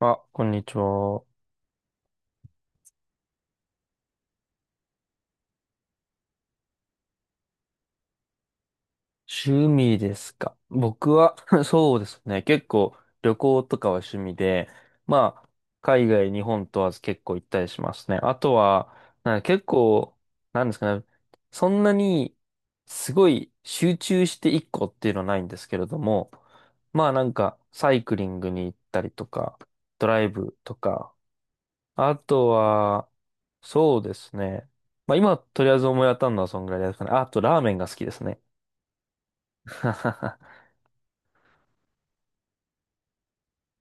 あ、こんにちは。趣味ですか。僕は そうですね。結構旅行とかは趣味で、まあ、海外、日本問わず結構行ったりしますね。あとは、なんか結構、なんですかね。そんなに、すごい集中して一個っていうのはないんですけれども、まあなんか、サイクリングに行ったりとか、ドライブとか、あとは、そうですね。まあ今、とりあえず思い当たるのはそんぐらいですかね。ああと、ラーメンが好きですね。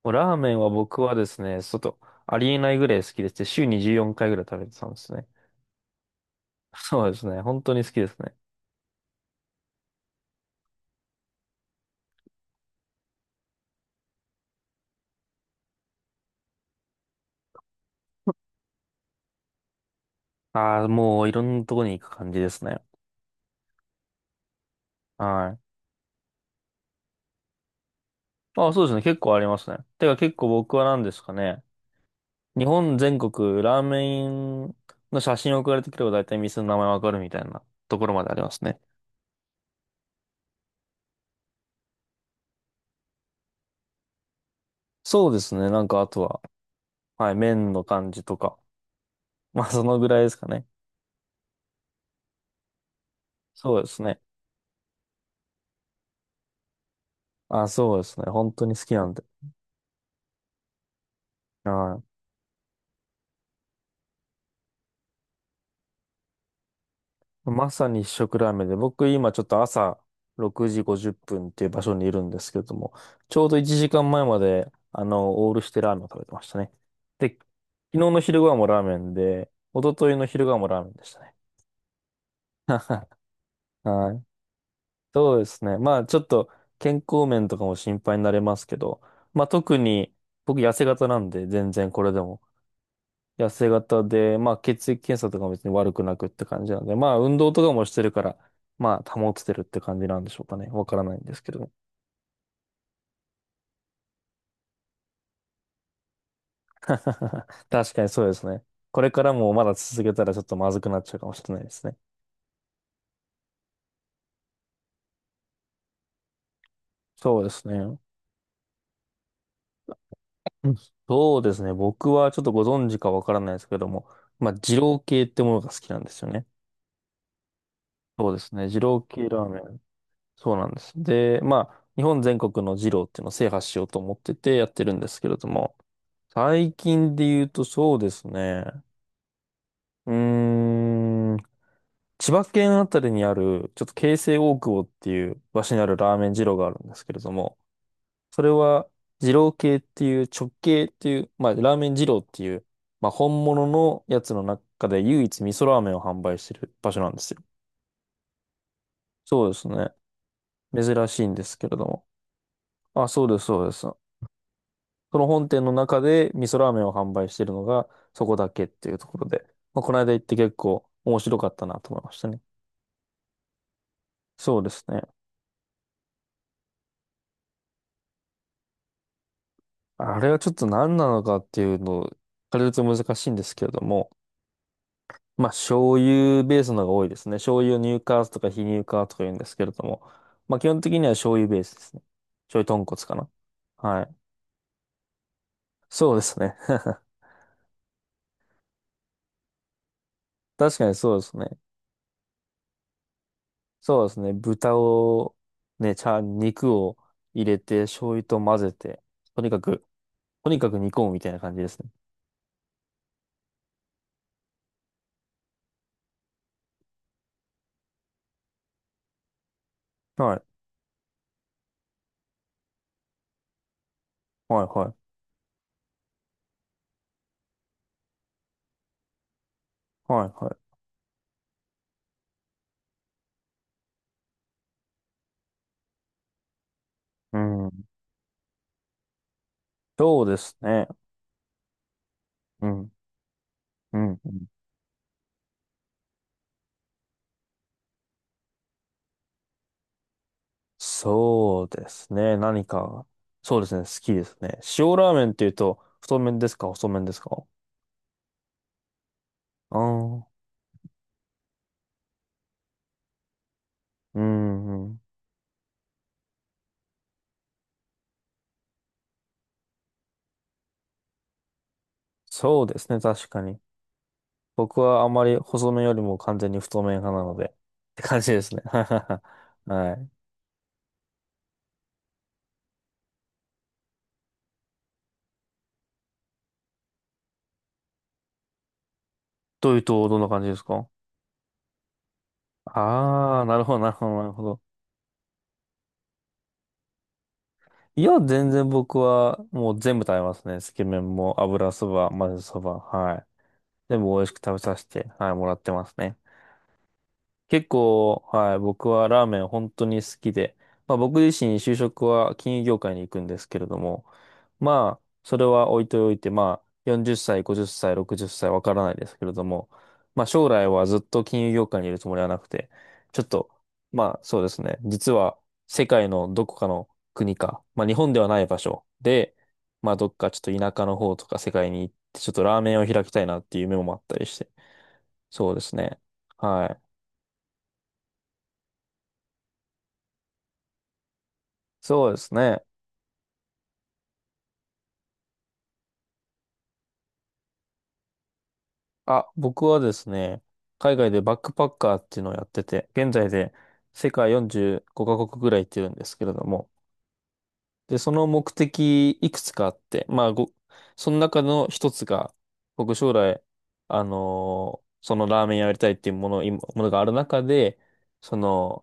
もうラーメンは僕はですね、ちょっとありえないぐらい好きでして、週に14回ぐらい食べてたんですね。そうですね。本当に好きですね。ああ、もういろんなとこに行く感じですね。はい。ああ、そうですね。結構ありますね。てか結構僕は何ですかね。日本全国ラーメンの写真送られてくれば大体店の名前わかるみたいなところまでありますね。そうですね。なんかあとは。はい、麺の感じとか。まあ、そのぐらいですかね。そうですね。あ、そうですね。本当に好きなんで。はい。まさに一食ラーメンで、僕今ちょっと朝6時50分っぷんっていう場所にいるんですけれども、ちょうど1時間前まで、オールしてラーメンを食べてましたね。で、昨日の昼ご飯もラーメンで、一昨日の昼ご飯もラーメンでしたね。はい。そうですね。まあ、ちょっと健康面とかも心配になれますけど、まあ、特に僕痩せ型なんで、全然これでも。痩せ型で、まあ血液検査とかも別に悪くなくって感じなんで、まあ運動とかもしてるから、まあ保ててるって感じなんでしょうかね。わからないんですけど。確かにそうですね。これからもまだ続けたらちょっとまずくなっちゃうかもしれないですね。そうですね。うん、そうですね。僕はちょっとご存知かわからないですけども、まあ二郎系ってものが好きなんですよね。そうですね。二郎系ラーメン。そうなんです。で、まあ日本全国の二郎っていうのを制覇しようと思っててやってるんですけれども、最近で言うとそうですね。うーん。千葉県あたりにある、ちょっと京成大久保っていう場所にあるラーメン二郎があるんですけれども、それは二郎系っていう直系っていう、まあラーメン二郎っていう、まあ本物のやつの中で唯一味噌ラーメンを販売してる場所なんですよ。そうですね。珍しいんですけれども。あ、そうです、そうです。その本店の中で味噌ラーメンを販売しているのがそこだけっていうところで、まあ、この間行って結構面白かったなと思いましたね。そうですね。あれはちょっと何なのかっていうのを、あれと難しいんですけれども、まあ醤油ベースのが多いですね。醤油乳化とか非乳化とか言うんですけれども、まあ基本的には醤油ベースですね。醤油豚骨かな。はい。そうですね。確かにそうですね。そうですね。豚を、ね、肉を入れて、醤油と混ぜて、とにかく、とにかく煮込むみたいな感じですね。はい、はい、はい、はい、はい。うん。そうですね。うん、うん、うん。そうですね。何か、そうですね。好きですね。塩ラーメンっていうと、太麺ですか、細麺ですか？ああー、うん、うん。そうですね。確かに。僕はあまり細麺よりも完全に太麺派なので、って感じですね。はい。というと、どんな感じですか？ああー、なるほど、なるほど、なるほど。いや、全然僕はもう全部食べますね。つけ麺も油そば、混ぜそば、はい。全部美味しく食べさせて、はい、もらってますね。結構、はい、僕はラーメン本当に好きで、まあ僕自身就職は金融業界に行くんですけれども、まあ、それは置いておいて、まあ、40歳、50歳、60歳、ろくじゅっさい、わからないですけれども、まあ将来はずっと金融業界にいるつもりはなくて、ちょっと、まあそうですね、実は世界のどこかの国か、まあ日本ではない場所で、まあどっかちょっと田舎の方とか世界に行って、ちょっとラーメンを開きたいなっていう夢もあったりして、そうですね。はい。そうですね。あ、僕はですね、海外でバックパッカーっていうのをやってて、現在で世界45カ国ぐらい行ってるんですけれども、で、その目的いくつかあって、その中の一つが、僕将来、そのラーメン屋やりたいっていうものがある中で、その、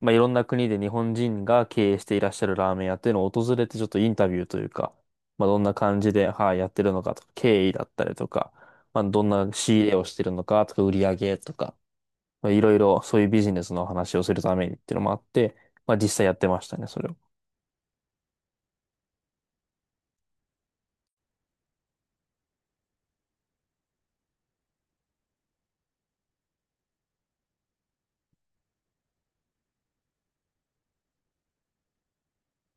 まあ、いろんな国で日本人が経営していらっしゃるラーメン屋っていうのを訪れてちょっとインタビューというか、まあ、どんな感じで、はい、やってるのかとか、経緯だったりとか、まあ、どんな仕入れをしてるのかとか、売り上げとか、まあ、いろいろそういうビジネスの話をするためにっていうのもあって、まあ、実際やってましたね、それを。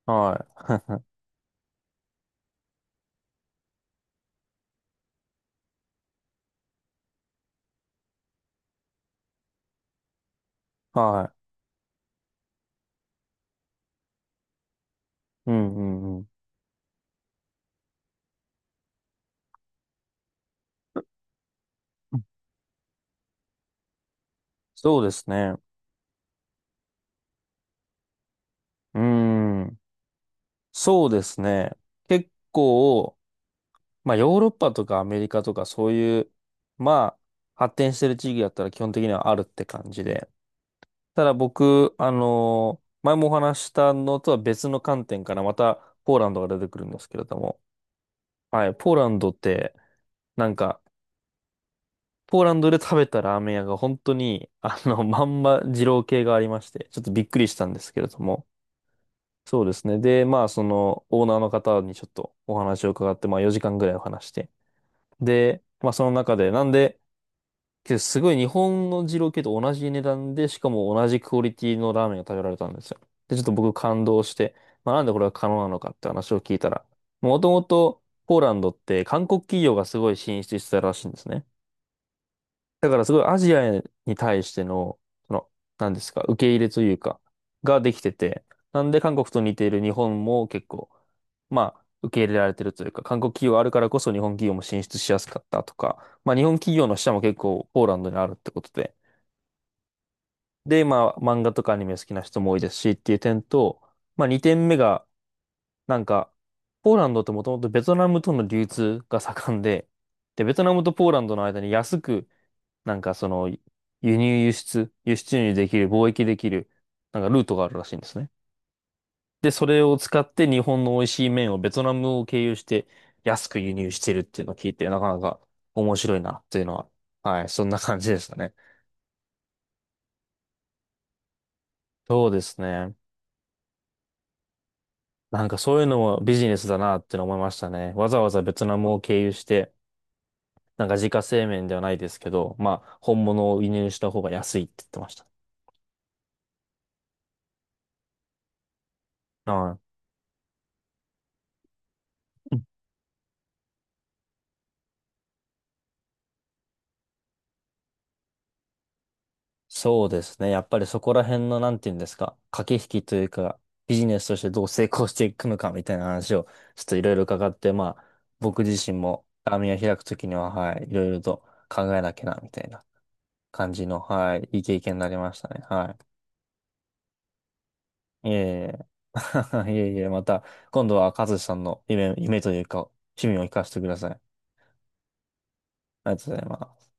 はい。はい。うん、うん、うん。そうですね。うーん。そうですね。結構、まあ、ヨーロッパとかアメリカとかそういう、まあ、発展してる地域だったら基本的にはあるって感じで。ただ僕、前もお話ししたのとは別の観点からまたポーランドが出てくるんですけれども。はい、ポーランドって、なんか、ポーランドで食べたラーメン屋が本当に、あの、まんま二郎系がありまして、ちょっとびっくりしたんですけれども。そうですね。で、まあ、その、オーナーの方にちょっとお話を伺って、まあ、4時間ぐらいお話して。で、まあ、その中で、なんで、けど、すごい日本の二郎系と同じ値段で、しかも同じクオリティのラーメンが食べられたんですよ。で、ちょっと僕感動して、まあ、なんでこれが可能なのかって話を聞いたら、もともとポーランドって韓国企業がすごい進出してたらしいんですね。だからすごいアジアに対しての、その、何ですか、受け入れというか、ができてて、なんで韓国と似ている日本も結構、まあ、受け入れられてるというか、韓国企業あるからこそ日本企業も進出しやすかったとか、まあ日本企業の支社も結構ポーランドにあるってことで、で、まあ漫画とかアニメ好きな人も多いですしっていう点と、まあ2点目が、なんか、ポーランドってもともとベトナムとの流通が盛んで、で、ベトナムとポーランドの間に安くなんかその、輸入輸出、輸出入できる、貿易できる、なんかルートがあるらしいんですね。で、それを使って日本の美味しい麺をベトナムを経由して安く輸入してるっていうのを聞いて、なかなか面白いなっていうのは、はい、そんな感じでしたね。そうですね。なんかそういうのもビジネスだなって思いましたね。わざわざベトナムを経由して、なんか自家製麺ではないですけど、まあ、本物を輸入した方が安いって言ってました。はい。そうですね。やっぱりそこら辺の、なんていうんですか、駆け引きというか、ビジネスとしてどう成功していくのかみたいな話を、ちょっといろいろ伺って、まあ、僕自身も、網を開くときには、はい、いろいろと考えなきゃな、みたいな感じの、はい、いい経験になりましたね。はい。いえいえ。いえいえ、また、今度は、和志さんの夢、夢というか、趣味を聞かせてください。ありがとうございます。